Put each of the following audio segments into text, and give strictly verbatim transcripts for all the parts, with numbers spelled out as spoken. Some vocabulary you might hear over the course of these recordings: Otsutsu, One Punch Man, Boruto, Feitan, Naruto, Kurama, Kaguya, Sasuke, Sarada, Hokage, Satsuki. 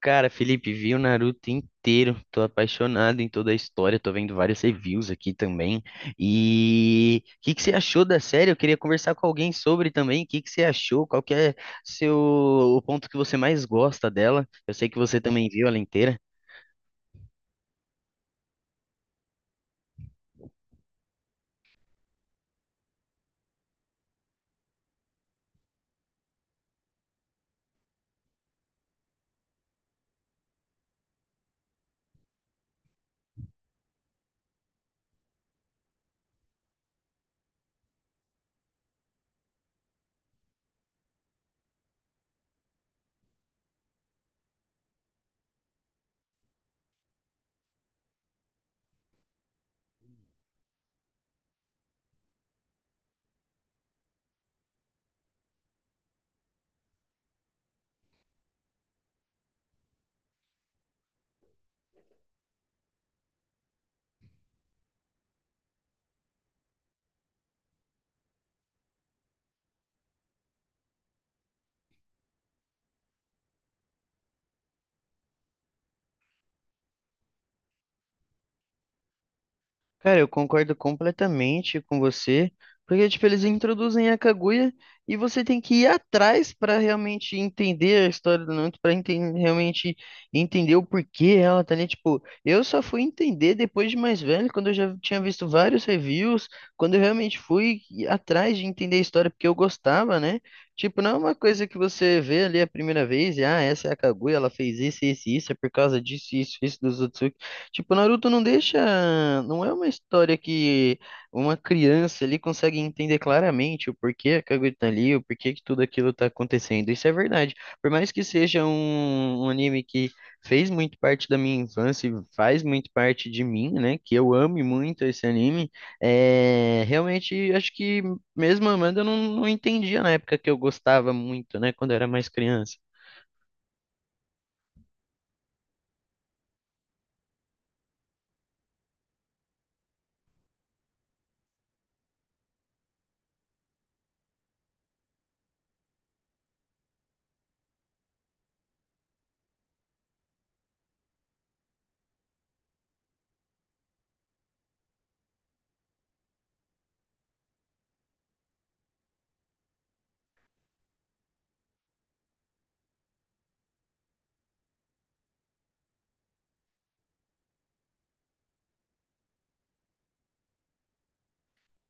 Cara, Felipe, vi o Naruto inteiro, tô apaixonado em toda a história, tô vendo vários reviews aqui também. E o que que você achou da série? Eu queria conversar com alguém sobre também. O que que você achou? Qual que é seu o ponto que você mais gosta dela? Eu sei que você também viu ela inteira. Cara, eu concordo completamente com você, porque tipo, eles introduzem a Kaguya e você tem que ir atrás para realmente entender a história do Naruto, para realmente entender o porquê ela tá ali, tipo, eu só fui entender depois de mais velho, quando eu já tinha visto vários reviews, quando eu realmente fui atrás de entender a história porque eu gostava, né? Tipo, não é uma coisa que você vê ali a primeira vez e, ah, essa é a Kaguya, ela fez isso, isso, e isso, é por causa disso, isso, isso dos Otsutsu. Tipo, Naruto não deixa. Não é uma história que uma criança ali consegue entender claramente o porquê a Kaguya tá ali, o porquê que tudo aquilo tá acontecendo. Isso é verdade. Por mais que seja um, um anime que fez muito parte da minha infância e faz muito parte de mim, né? Que eu ame muito esse anime, é... realmente acho que mesmo amando eu não, não entendia na época que eu gostava muito, né? Quando eu era mais criança.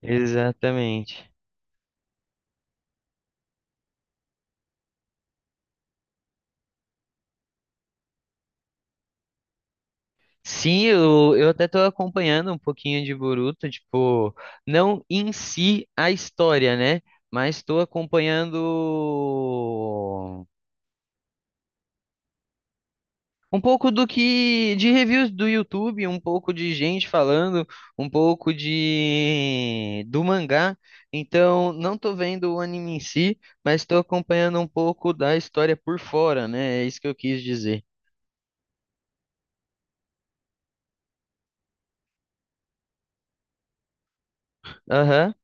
Exatamente. Sim, eu, eu até tô acompanhando um pouquinho de Boruto, tipo, não em si a história, né? Mas tô acompanhando um pouco do que de reviews do YouTube, um pouco de gente falando, um pouco de do mangá. Então, não tô vendo o anime em si, mas tô acompanhando um pouco da história por fora, né? É isso que eu quis dizer. Aham.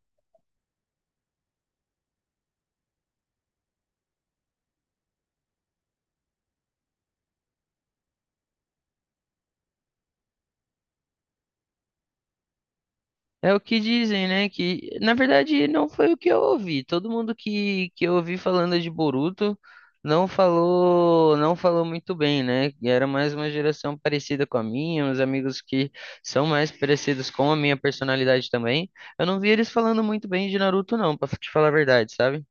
É o que dizem, né? Que na verdade não foi o que eu ouvi. Todo mundo que, que eu ouvi falando de Boruto não falou, não falou muito bem, né? E era mais uma geração parecida com a minha, uns amigos que são mais parecidos com a minha personalidade também. Eu não vi eles falando muito bem de Naruto, não, pra te falar a verdade, sabe?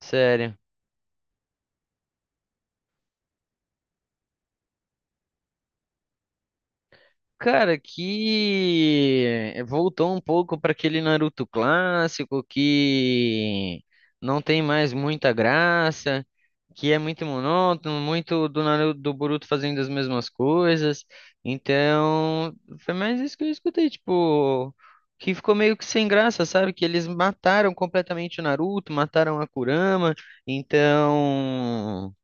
Sério. Cara, que voltou um pouco para aquele Naruto clássico que não tem mais muita graça, que é muito monótono, muito do Naruto, do Boruto fazendo as mesmas coisas. Então, foi mais isso que eu escutei, tipo, que ficou meio que sem graça, sabe? Que eles mataram completamente o Naruto, mataram a Kurama, então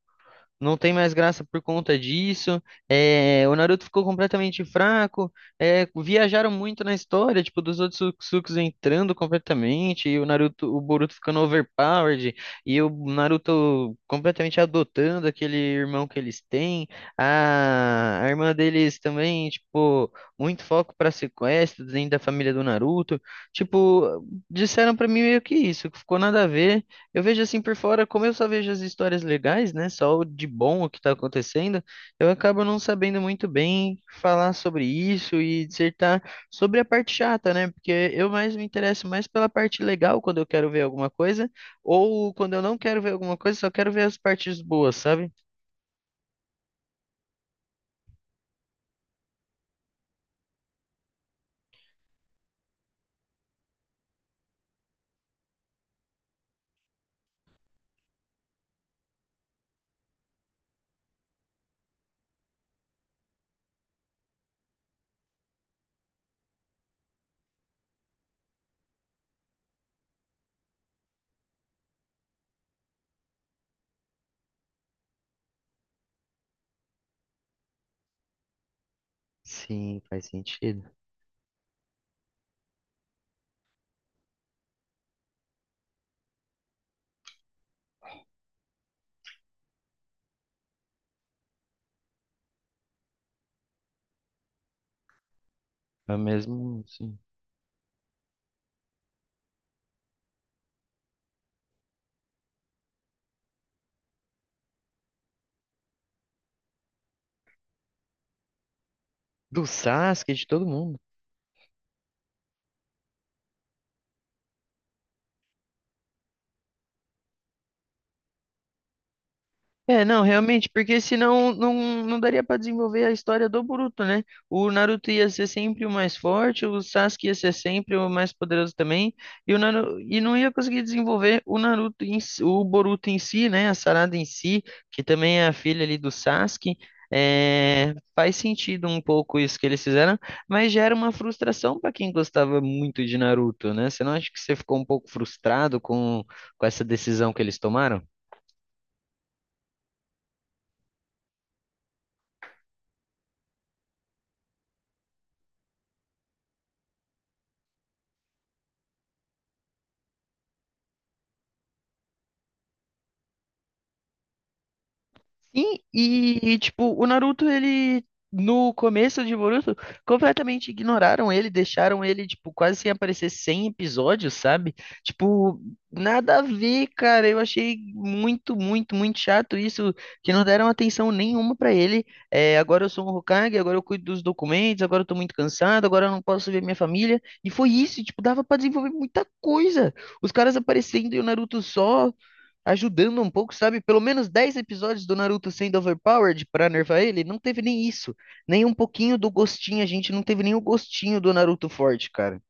não tem mais graça por conta disso. é, O Naruto ficou completamente fraco. É, viajaram muito na história, tipo, dos outros Satsuki entrando completamente, e o Naruto, o Boruto ficando overpowered, e o Naruto completamente adotando aquele irmão que eles têm. A, a irmã deles também, tipo, muito foco para sequestro dentro da família do Naruto. Tipo, disseram pra mim meio que isso, que ficou nada a ver. Eu vejo assim por fora, como eu só vejo as histórias legais, né? Só o de bom o que está acontecendo, eu acabo não sabendo muito bem falar sobre isso e dissertar sobre a parte chata, né? Porque eu mais me interesso mais pela parte legal quando eu quero ver alguma coisa, ou quando eu não quero ver alguma coisa, só quero ver as partes boas, sabe? Sim, faz sentido. É mesmo, sim. Do Sasuke, de todo mundo. É, não, realmente, porque senão não, não, daria pra desenvolver a história do Boruto, né? O Naruto ia ser sempre o mais forte, o Sasuke ia ser sempre o mais poderoso também, e, o Naru... e não ia conseguir desenvolver o Naruto em si- o Boruto em si, né? A Sarada em si, que também é a filha ali do Sasuke. É, faz sentido um pouco isso que eles fizeram, mas gera uma frustração pra quem gostava muito de Naruto, né? Você não acha que você ficou um pouco frustrado com, com essa decisão que eles tomaram? Sim, e tipo, o Naruto, ele no começo de Boruto, completamente ignoraram ele, deixaram ele tipo quase sem aparecer cem episódios, sabe? Tipo, nada a ver, cara. Eu achei muito, muito, muito chato isso, que não deram atenção nenhuma pra ele. É, agora eu sou um Hokage, agora eu cuido dos documentos, agora eu tô muito cansado, agora eu não posso ver minha família. E foi isso, tipo, dava pra desenvolver muita coisa. Os caras aparecendo e o Naruto só ajudando um pouco, sabe? Pelo menos dez episódios do Naruto sendo overpowered pra nervar ele, não teve nem isso. Nem um pouquinho do gostinho, a gente não teve nem o gostinho do Naruto forte, cara.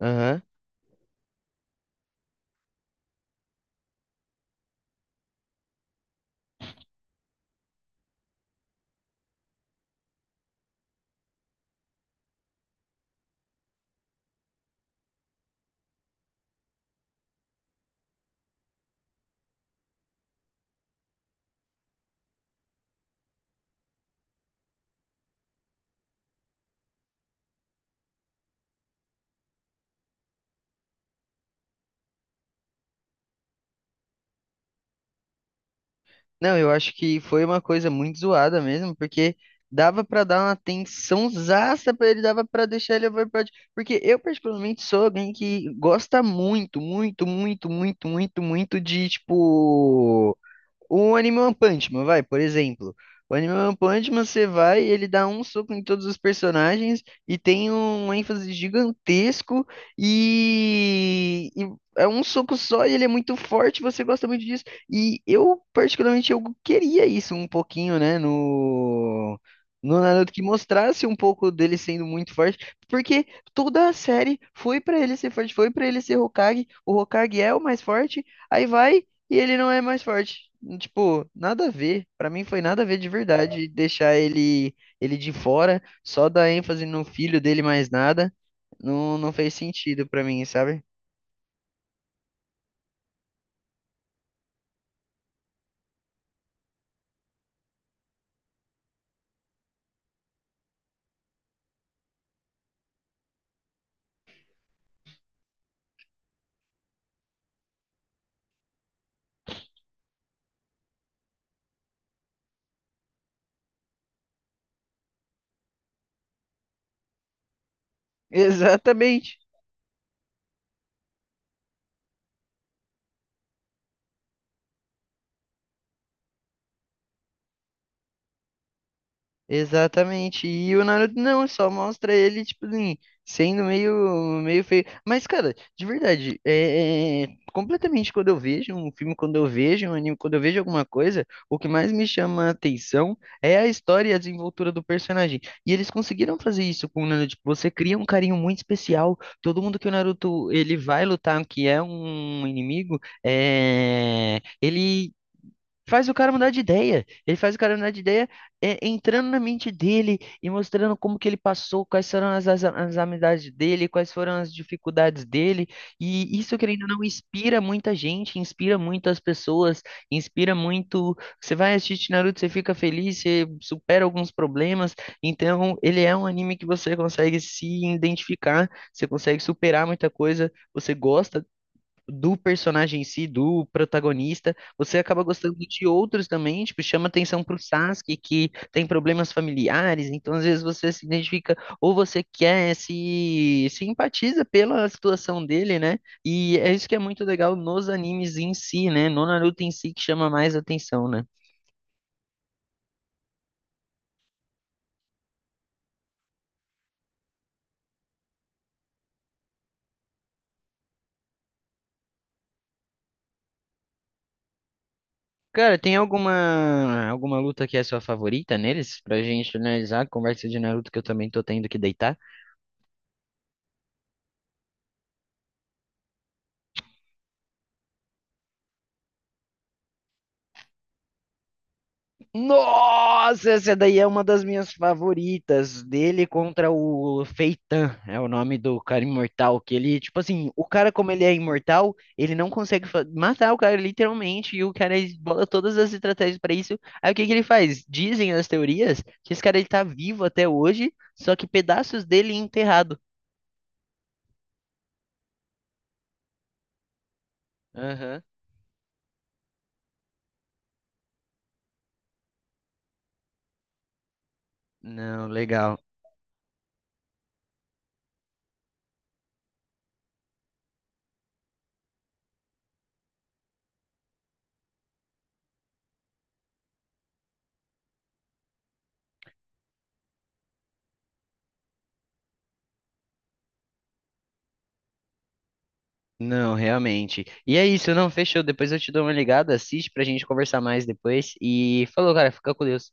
Aham. Não, eu acho que foi uma coisa muito zoada mesmo, porque dava pra dar uma tensãozaça pra ele, dava pra deixar ele overpowered. Porque eu, particularmente, sou alguém que gosta muito, muito, muito, muito, muito, muito de, tipo. O Anime One Punch Man, vai, por exemplo. O Anime One Punch Man, você vai, ele dá um soco em todos os personagens e tem um ênfase gigantesco e, e é um soco só e ele é muito forte, você gosta muito disso. E eu, particularmente, eu queria isso um pouquinho, né, no, no Naruto, que mostrasse um pouco dele sendo muito forte, porque toda a série foi pra ele ser forte, foi pra ele ser Hokage, o Hokage é o mais forte, aí vai e ele não é mais forte. Tipo, nada a ver. Pra mim foi nada a ver de verdade deixar ele ele de fora, só dar ênfase no filho dele mais nada. Não, não fez sentido pra mim, sabe? Exatamente. Exatamente. E o Naruto não, só mostra ele, tipo assim, sendo meio, meio feio. Mas, cara, de verdade, é, é- é, completamente quando eu vejo um filme, quando eu vejo um anime, quando eu vejo alguma coisa, o que mais me chama a atenção é a história e a desenvoltura do personagem. E eles conseguiram fazer isso com o Naruto. Tipo, você cria um carinho muito especial. Todo mundo que o Naruto ele vai lutar, que é um inimigo, é, ele faz o cara mudar de ideia. Ele faz o cara mudar de ideia, é, entrando na mente dele e mostrando como que ele passou, quais foram as, as, as amizades dele, quais foram as dificuldades dele. E isso, querendo ou não, inspira muita gente, inspira muitas pessoas, inspira muito. Você vai assistir Naruto, você fica feliz, você supera alguns problemas. Então, ele é um anime que você consegue se identificar, você consegue superar muita coisa, você gosta do personagem em si, do protagonista, você acaba gostando de outros também, tipo, chama atenção pro Sasuke, que tem problemas familiares, então às vezes você se identifica, ou você quer, se, se empatiza pela situação dele, né? E é isso que é muito legal nos animes em si, né? No Naruto em si que chama mais atenção, né? Cara, tem alguma alguma luta que é sua favorita neles? Pra gente analisar a conversa de Naruto que eu também tô tendo que deitar. Nossa, essa daí é uma das minhas favoritas. Dele contra o Feitan, é o nome do cara imortal. Que ele, tipo assim, o cara, como ele é imortal, ele não consegue fa- matar o cara, literalmente. E o cara bola todas as estratégias pra isso. Aí o que que ele faz? Dizem as teorias que esse cara ele tá vivo até hoje, só que pedaços dele enterrado. Aham. Não, legal. Não, realmente. E é isso, não, fechou. Depois eu te dou uma ligada, assiste pra gente conversar mais depois. E falou, cara, fica com Deus.